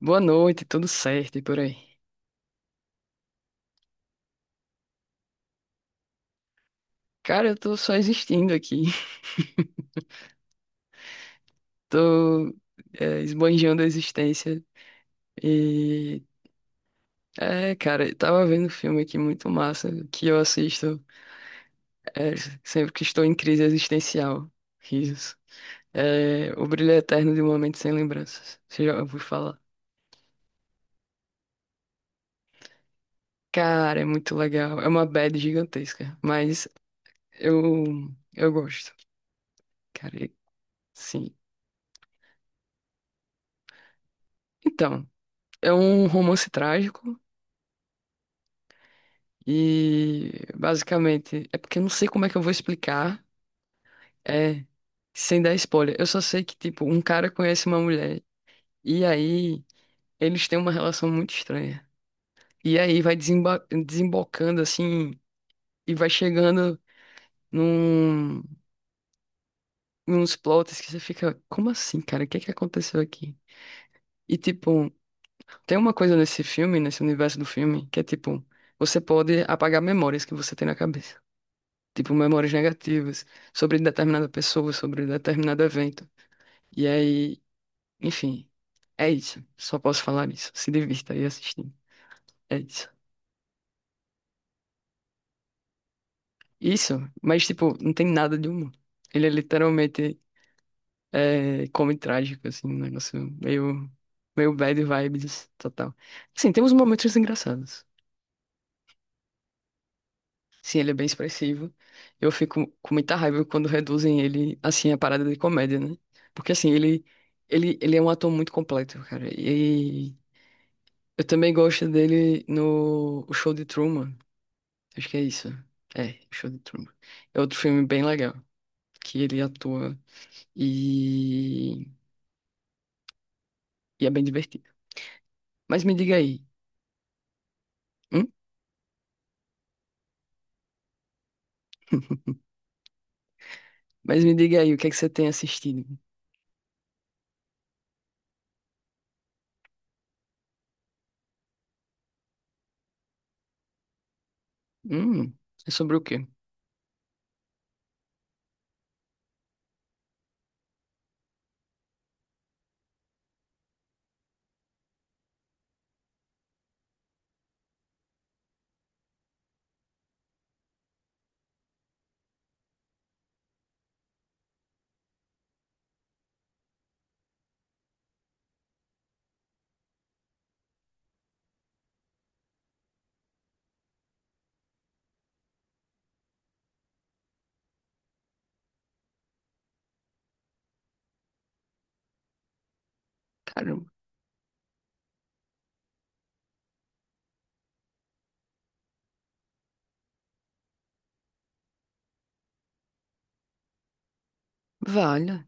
Boa noite, tudo certo e por aí? Cara, eu tô só existindo aqui. Tô esbanjando a existência. E. É, cara, eu tava vendo um filme aqui muito massa que eu assisto é, sempre que estou em crise existencial. Risos. É, O Brilho Eterno de um Momento Sem Lembranças. Você já ouviu falar? Cara, é muito legal. É uma bad gigantesca, mas eu, eu gosto. Cara, sim. Então, é um romance trágico. E basicamente, é porque eu não sei como é que eu vou explicar, é, sem dar spoiler. Eu só sei que, tipo, um cara conhece uma mulher. E aí, eles têm uma relação muito estranha. E aí vai desembocando assim, e vai chegando num, uns plots que você fica, como assim, cara? O que que aconteceu aqui? E tipo, tem uma coisa nesse filme, nesse universo do filme, que é tipo, você pode apagar memórias que você tem na cabeça. Tipo memórias negativas sobre determinada pessoa, sobre determinado evento. E aí, enfim, é isso. Só posso falar isso. Se divirta aí assistindo. É isso. Isso, mas tipo, não tem nada de humor. Ele é literalmente come trágico, assim, um negócio meio, meio bad vibes total. Assim, tem uns momentos engraçados. Sim, ele é bem expressivo. Eu fico com muita raiva quando reduzem ele, assim, a parada de comédia, né? Porque, assim, ele é um ator muito completo, cara. E eu também gosto dele no O Show de Truman. Acho que é isso. É, O Show de Truman. É outro filme bem legal, que ele atua e, e é bem divertido. Mas me diga aí. Hum? Mas me diga aí, o que é que você tem assistido? Hum, é sobre o quê? Caramba. Vale.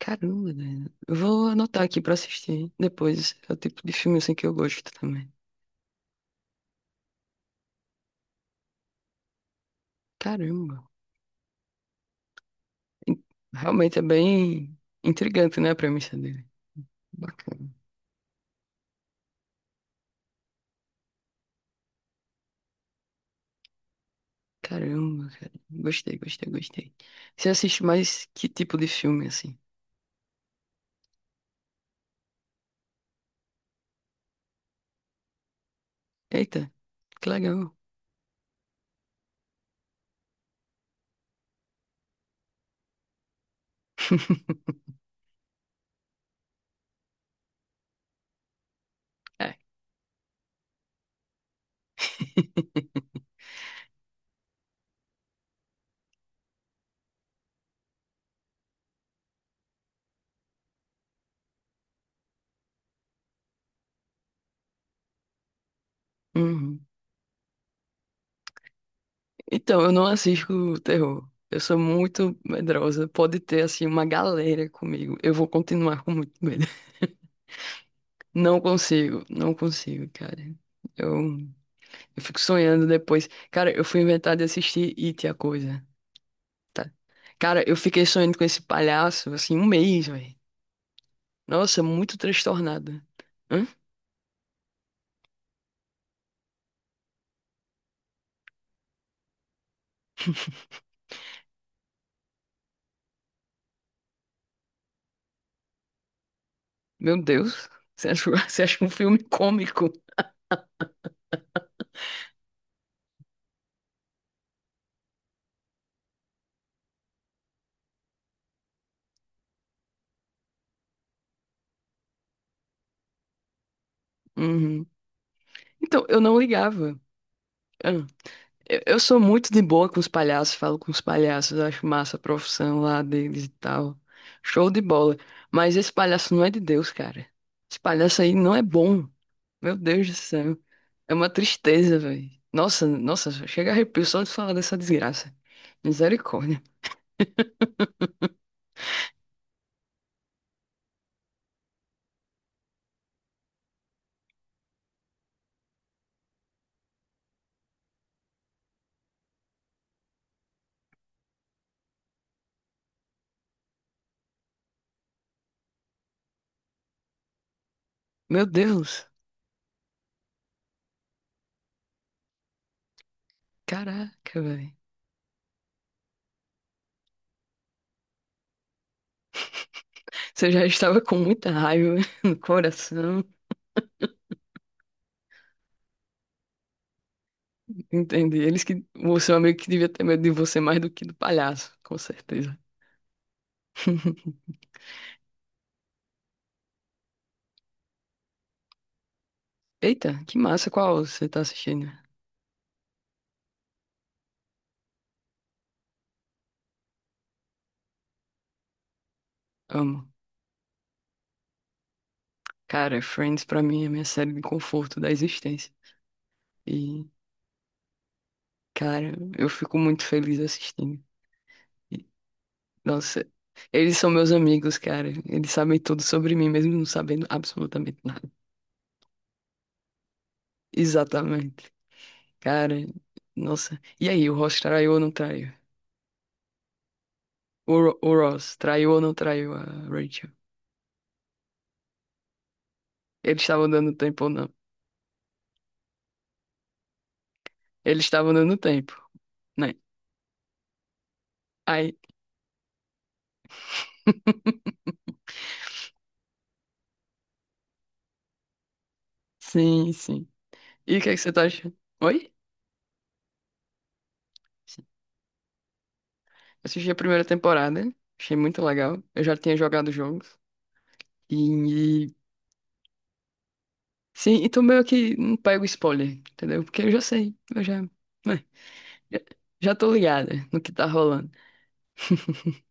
Caramba, né? Eu vou anotar aqui pra assistir depois. É o tipo de filme assim que eu gosto também. Caramba. In- Realmente é bem intrigante, né, a premissa dele. Bacana. Caramba, cara. Gostei, gostei, gostei. Você assiste mais que tipo de filme, assim? Eita, que legal. É. Uhum. Então, eu não assisto terror. Eu sou muito medrosa. Pode ter, assim, uma galera comigo. Eu vou continuar com muito medo. Não consigo, não consigo, cara. Eu, eu fico sonhando depois. Cara, eu fui inventar de assistir It, a coisa, tá? Cara, eu fiquei sonhando com esse palhaço, assim, um mês, velho. Nossa, muito transtornada. Hã? Meu Deus, você acha, você acha um filme cômico? Uhum. Então, eu não ligava. Hã? Eu sou muito de boa com os palhaços, falo com os palhaços, acho massa a profissão lá deles e tal. Show de bola. Mas esse palhaço não é de Deus, cara. Esse palhaço aí não é bom. Meu Deus do céu. É uma tristeza, velho. Nossa, nossa, chega arrepio só de falar dessa desgraça. Misericórdia. Meu Deus. Caraca, velho. Você já estava com muita raiva no coração. Entendi. Eles que. O seu amigo que devia ter medo de você mais do que do palhaço, com certeza. Eita, que massa. Qual você tá assistindo? Amo. Cara, Friends pra mim é a minha série de conforto da existência. E, cara, eu fico muito feliz assistindo. Nossa, eles são meus amigos, cara. Eles sabem tudo sobre mim, mesmo não sabendo absolutamente nada. Exatamente. Cara, nossa. E aí, o Ross traiu ou não traiu? O Ross traiu ou não traiu a Rachel? Eles estavam dando tempo ou não? Eles estavam dando tempo, né? Aí, sim, sim. E o que é que você tá achando? Oi? Assisti a primeira temporada, achei muito legal. Eu já tinha jogado jogos. E, sim, então meio que não pego spoiler, entendeu? Porque eu já sei, eu já, né, já já tô ligada no que tá rolando.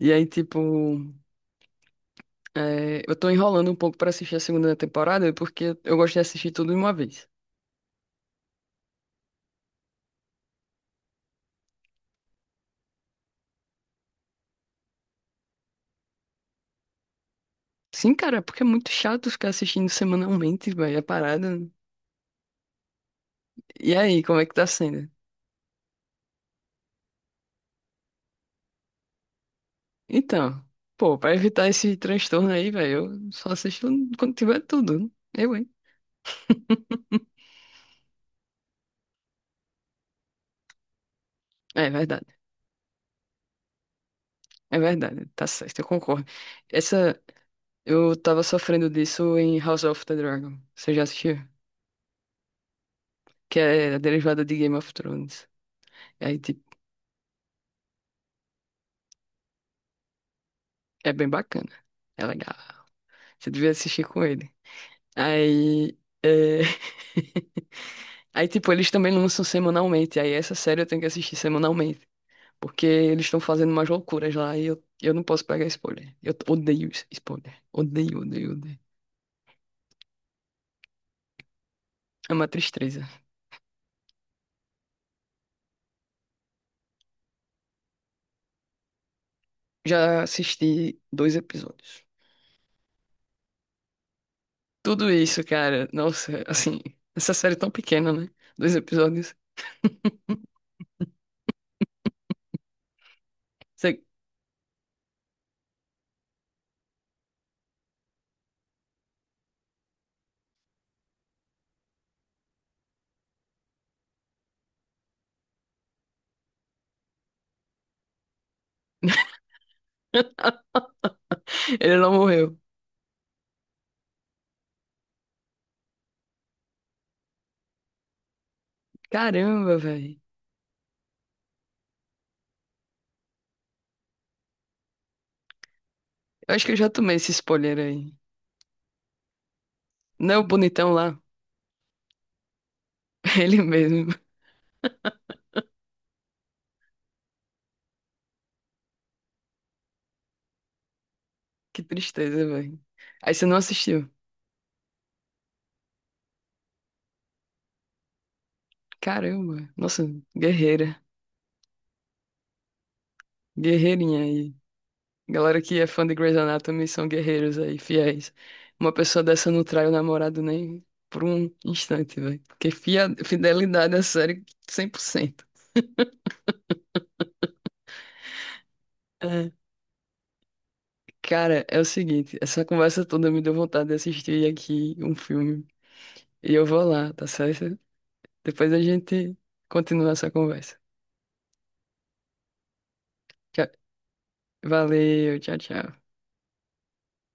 E aí, tipo, é, eu tô enrolando um pouco pra assistir a segunda temporada porque eu gosto de assistir tudo de uma vez. Sim, cara, porque é muito chato ficar assistindo semanalmente, velho, a parada. E aí, como é que tá sendo? Então, pô, pra evitar esse transtorno aí, velho, eu só assisto quando tiver tudo. Né? Eu, hein? É verdade, é verdade, tá certo, eu concordo. Essa Eu tava sofrendo disso em House of the Dragon. Você já assistiu? Que é a derivada de Game of Thrones. E aí, tipo, é bem bacana. É legal. Você devia assistir com ele. Aí. É. Aí, tipo, eles também lançam semanalmente. Aí, essa série eu tenho que assistir semanalmente. Porque eles estão fazendo umas loucuras lá e eu não posso pegar spoiler. Eu odeio spoiler. Odeio, odeio, odeio. É uma tristeza. Já assisti dois episódios. Tudo isso, cara. Nossa, assim, essa série tão pequena, né? Dois episódios. Você- Ele não morreu. Caramba, velho. Eu acho que eu já tomei esse spoiler aí. Não é o bonitão lá? Ele mesmo. Que tristeza, velho. Aí você não assistiu. Caramba. Nossa, guerreira. Guerreirinha aí. Galera que é fã de Grey's Anatomy são guerreiros aí, fiéis. Uma pessoa dessa não trai o namorado nem por um instante, velho. Porque fidelidade à série 100%. Cara, é o seguinte, essa conversa toda me deu vontade de assistir aqui um filme. E eu vou lá, tá certo? Depois a gente continua essa conversa. Tchau. Valeu, tchau, tchau.